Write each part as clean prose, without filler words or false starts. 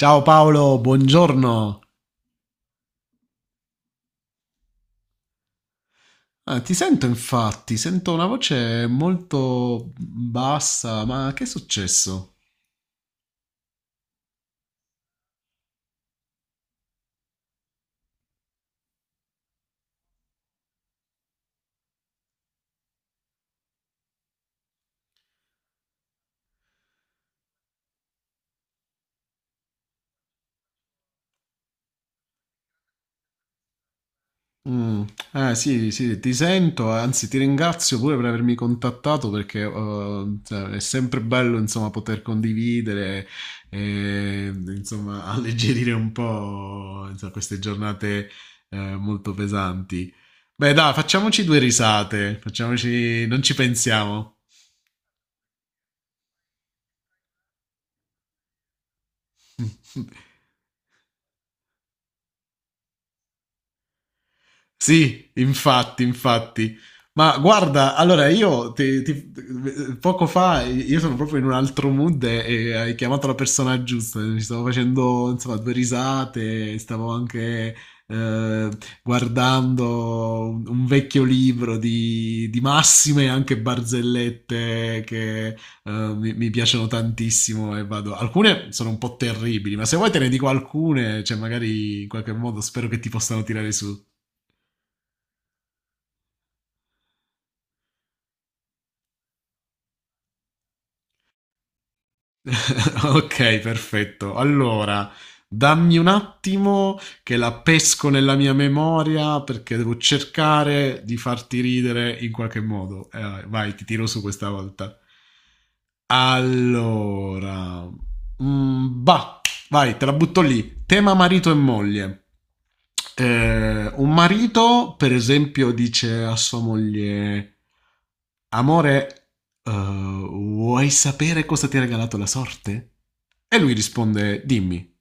Ciao Paolo, buongiorno. Ah, ti sento infatti, sento una voce molto bassa, ma che è successo? Mm. Sì, sì, ti sento, anzi ti ringrazio pure per avermi contattato perché cioè, è sempre bello insomma poter condividere e insomma alleggerire un po' insomma, queste giornate molto pesanti. Beh, dai, facciamoci due risate, facciamoci non ci pensiamo. Sì, infatti, infatti. Ma guarda, allora poco fa io sono proprio in un altro mood e hai chiamato la persona giusta. Ci stavo facendo insomma due risate, stavo anche eh, guardando un vecchio libro di massime e anche barzellette che mi piacciono tantissimo e vado. Alcune sono un po' terribili, ma se vuoi te ne dico alcune, cioè magari in qualche modo spero che ti possano tirare su. Ok, perfetto. Allora, dammi un attimo che la pesco nella mia memoria perché devo cercare di farti ridere in qualche modo. Vai, ti tiro su questa volta. Allora, bah. Vai, te la butto lì. Tema marito e moglie. Un marito, per esempio, dice a sua moglie: Amore, vuoi sapere cosa ti ha regalato la sorte? E lui risponde: Dimmi.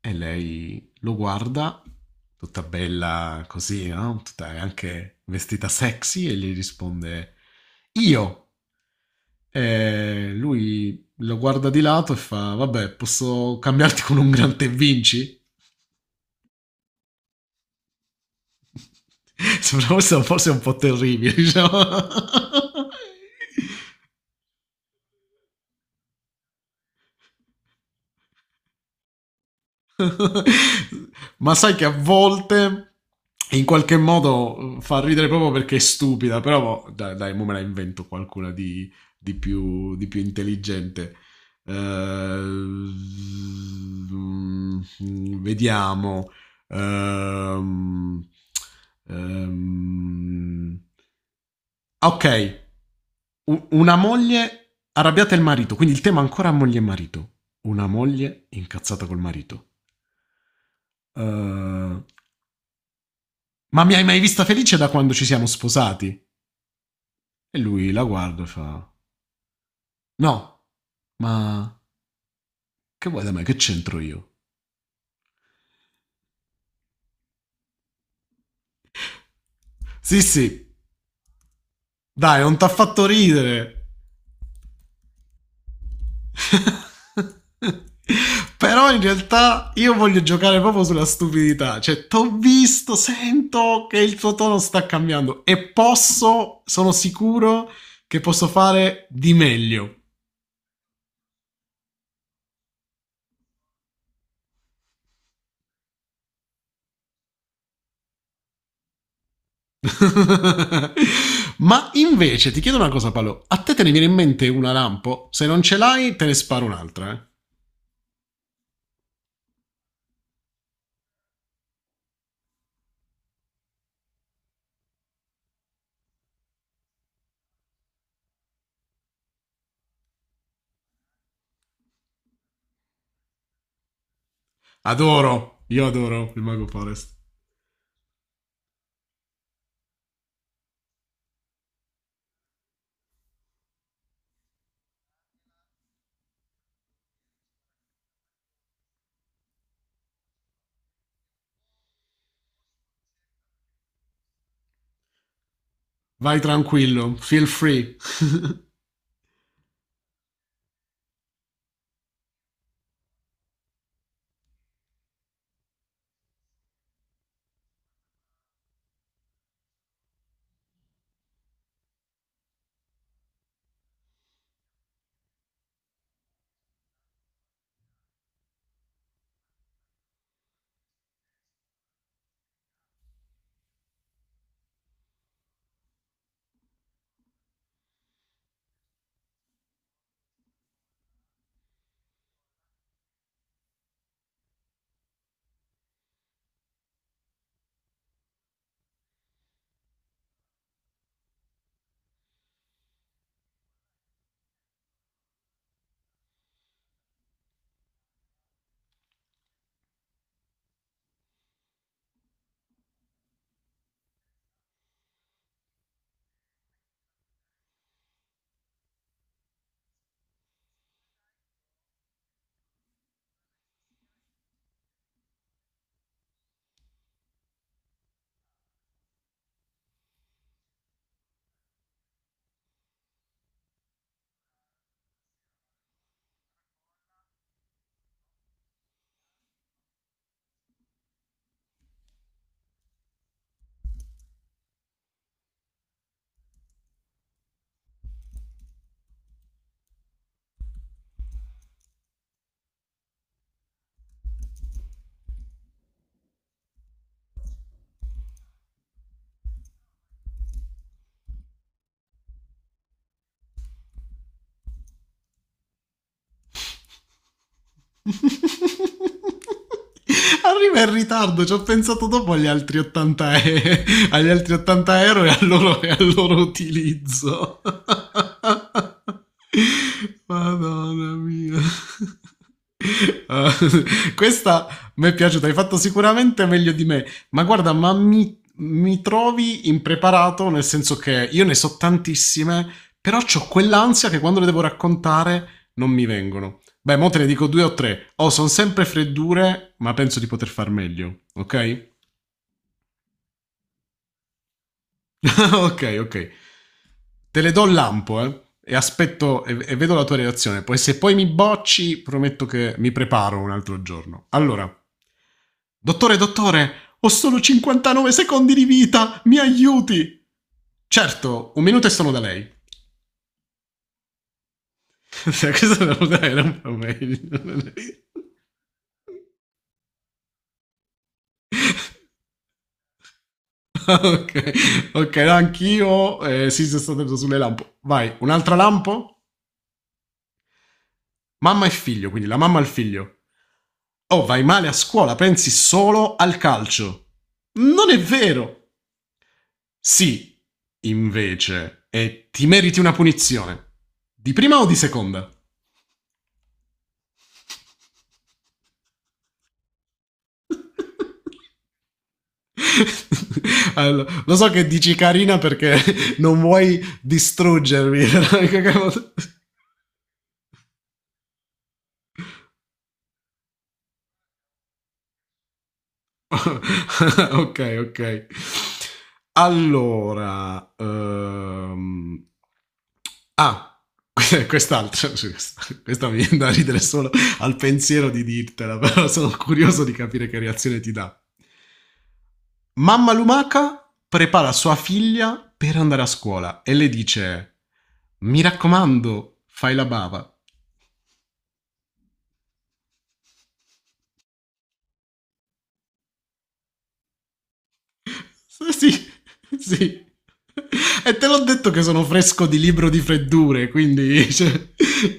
E lei lo guarda, tutta bella così, no? Tutta anche vestita sexy, e gli risponde: Io. E lui lo guarda di lato e fa: Vabbè, posso cambiarti con un gran te vinci? Sembra forse, forse un po' terribile, diciamo. Ma sai che a volte in qualche modo fa ridere proprio perché è stupida, però boh, dai, dai mo me la invento qualcuna di più intelligente. Eh, mm, vediamo. Ehm, ehm, ok, una moglie arrabbiata e il marito, quindi il tema ancora moglie e marito. Una moglie incazzata col marito. Eh, Ma mi hai mai vista felice da quando ci siamo sposati? E lui la guarda e fa: No, ma che vuoi da me? Che c'entro io? Sì, sì, dai, non t'ha fatto ridere. Però in realtà io voglio giocare proprio sulla stupidità. Cioè, t'ho visto, sento che il tuo tono sta cambiando e posso, sono sicuro che posso fare di meglio. Ma invece ti chiedo una cosa, Paolo. A te te ne viene in mente una lampo? Se non ce l'hai, te ne sparo un'altra, eh. Adoro. Io adoro il Mago Forest. Vai tranquillo, feel free. Arriva in ritardo, ci ho pensato dopo agli agli altri 80 euro e al loro utilizzo. Madonna mia. Ah, questa mi è piaciuta, hai fatto sicuramente meglio di me, ma guarda, ma mi trovi impreparato nel senso che io ne so tantissime, però ho quell'ansia che quando le devo raccontare non mi vengono. Beh, mo te ne dico due o tre. Sono sempre freddure, ma penso di poter far meglio. Ok? Ok, ok. Te le do il lampo, eh. E aspetto e vedo la tua reazione. Poi se poi mi bocci, prometto che mi preparo un altro giorno. Allora. Dottore, dottore, ho solo 59 secondi di vita, mi aiuti! Certo, un minuto e sono da lei. Questa era un po' meglio. Ok, ok, no, anch'io. Sì, sono stato preso sulle lampo. Vai, un'altra lampo? Mamma e figlio, quindi la mamma al figlio. Oh, vai male a scuola, pensi solo al calcio. Non è vero. Sì, invece, e ti meriti una punizione. Di prima o di seconda? Allora, lo so che dici carina perché non vuoi distruggermi. Ok, ok. Allora, ah, quest'altra, sì, questa mi viene da ridere solo al pensiero di dirtela, però sono curioso di capire che reazione ti dà. Mamma lumaca prepara sua figlia per andare a scuola e le dice: Mi raccomando, fai la bava. Sì, sì. E te l'ho detto che sono fresco di libro di freddure, quindi cioè,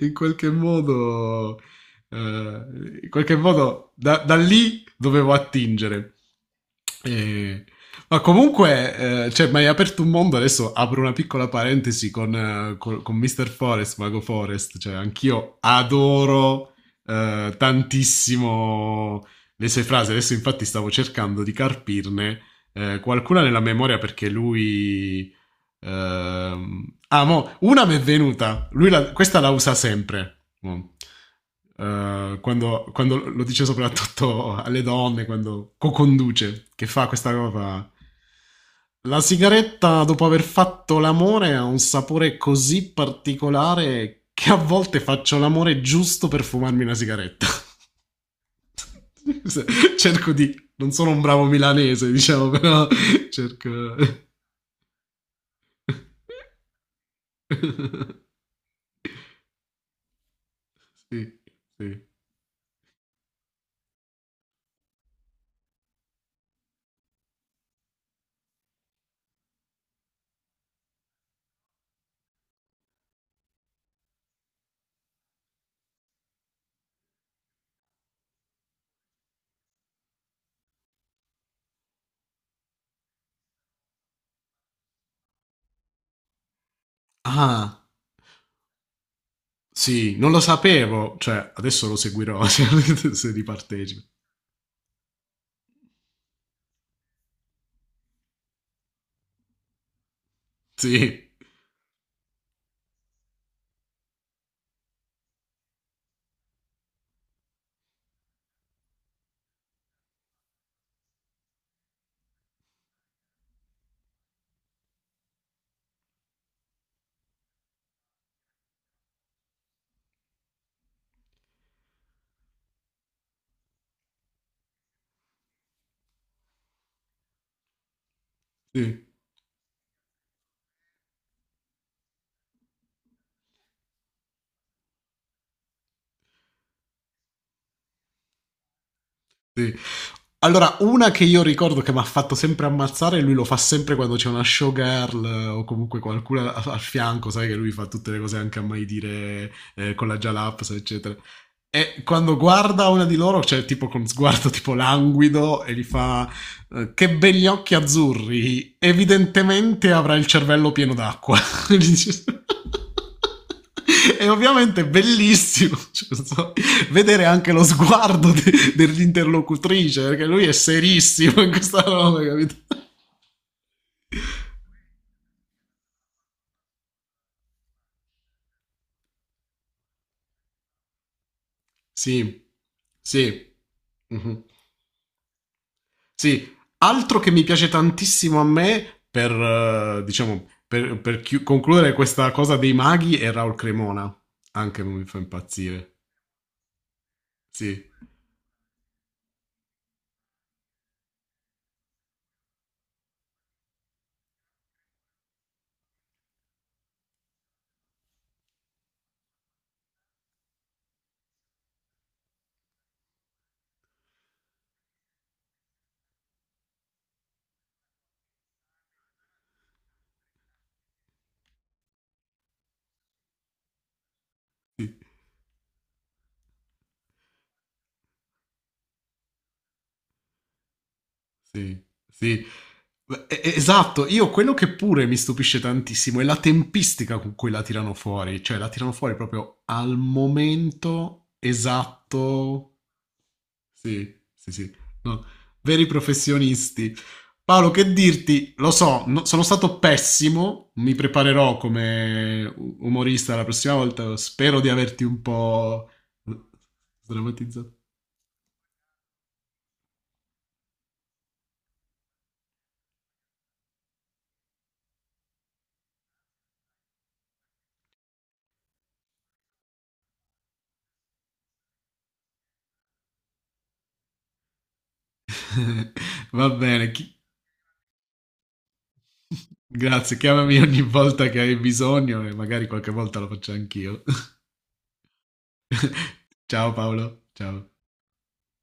in qualche modo, in qualche modo da lì dovevo attingere. E- Ma comunque, cioè, mi hai aperto un mondo, adesso apro una piccola parentesi con, con Mr. Forest, Mago Forest, cioè anch'io adoro tantissimo le sue frasi, adesso infatti stavo cercando di carpirne qualcuna nella memoria perché lui mo, una mi è venuta. Questa la usa sempre. Mo. Quando lo dice soprattutto alle donne, quando co-conduce, che fa questa cosa fa, la sigaretta dopo aver fatto l'amore ha un sapore così particolare che a volte faccio l'amore giusto per fumarmi una sigaretta, cerco di Non sono un bravo milanese, diciamo, però cerco sì, sì. Ah, sì, non lo sapevo. Cioè, adesso lo seguirò se, se ripartecipo. Sì, sì. Sì. Allora, una che io ricordo che mi ha fatto sempre ammazzare, e lui lo fa sempre quando c'è una showgirl o comunque qualcuno a- al fianco, sai che lui fa tutte le cose anche a mai dire con la Jalaps, eccetera. E quando guarda una di loro, cioè tipo con sguardo tipo languido, e gli fa che begli occhi azzurri, evidentemente avrà il cervello pieno d'acqua. Gli dice- E ovviamente è bellissimo. Cioè, non so, vedere anche lo sguardo dell'interlocutrice, perché lui è serissimo in questa roba, capito? Sì, sì, mhm. Sì. Altro che mi piace tantissimo a me, per, diciamo, per, concludere questa cosa dei maghi, è Raul Cremona. Anche lui mi fa impazzire. Sì, sì. Sì, sì. Esatto, io quello che pure mi stupisce tantissimo è la tempistica con cui la tirano fuori, cioè la tirano fuori proprio al momento esatto. Sì, sì, sì. No, veri professionisti. Paolo, che dirti? Lo so, sono stato pessimo, mi preparerò come umorista la prossima volta, spero di averti un po' sdrammatizzato. Va bene, Grazie, chiamami ogni volta che hai bisogno e magari qualche volta lo faccio anch'io. Ciao Paolo, ciao.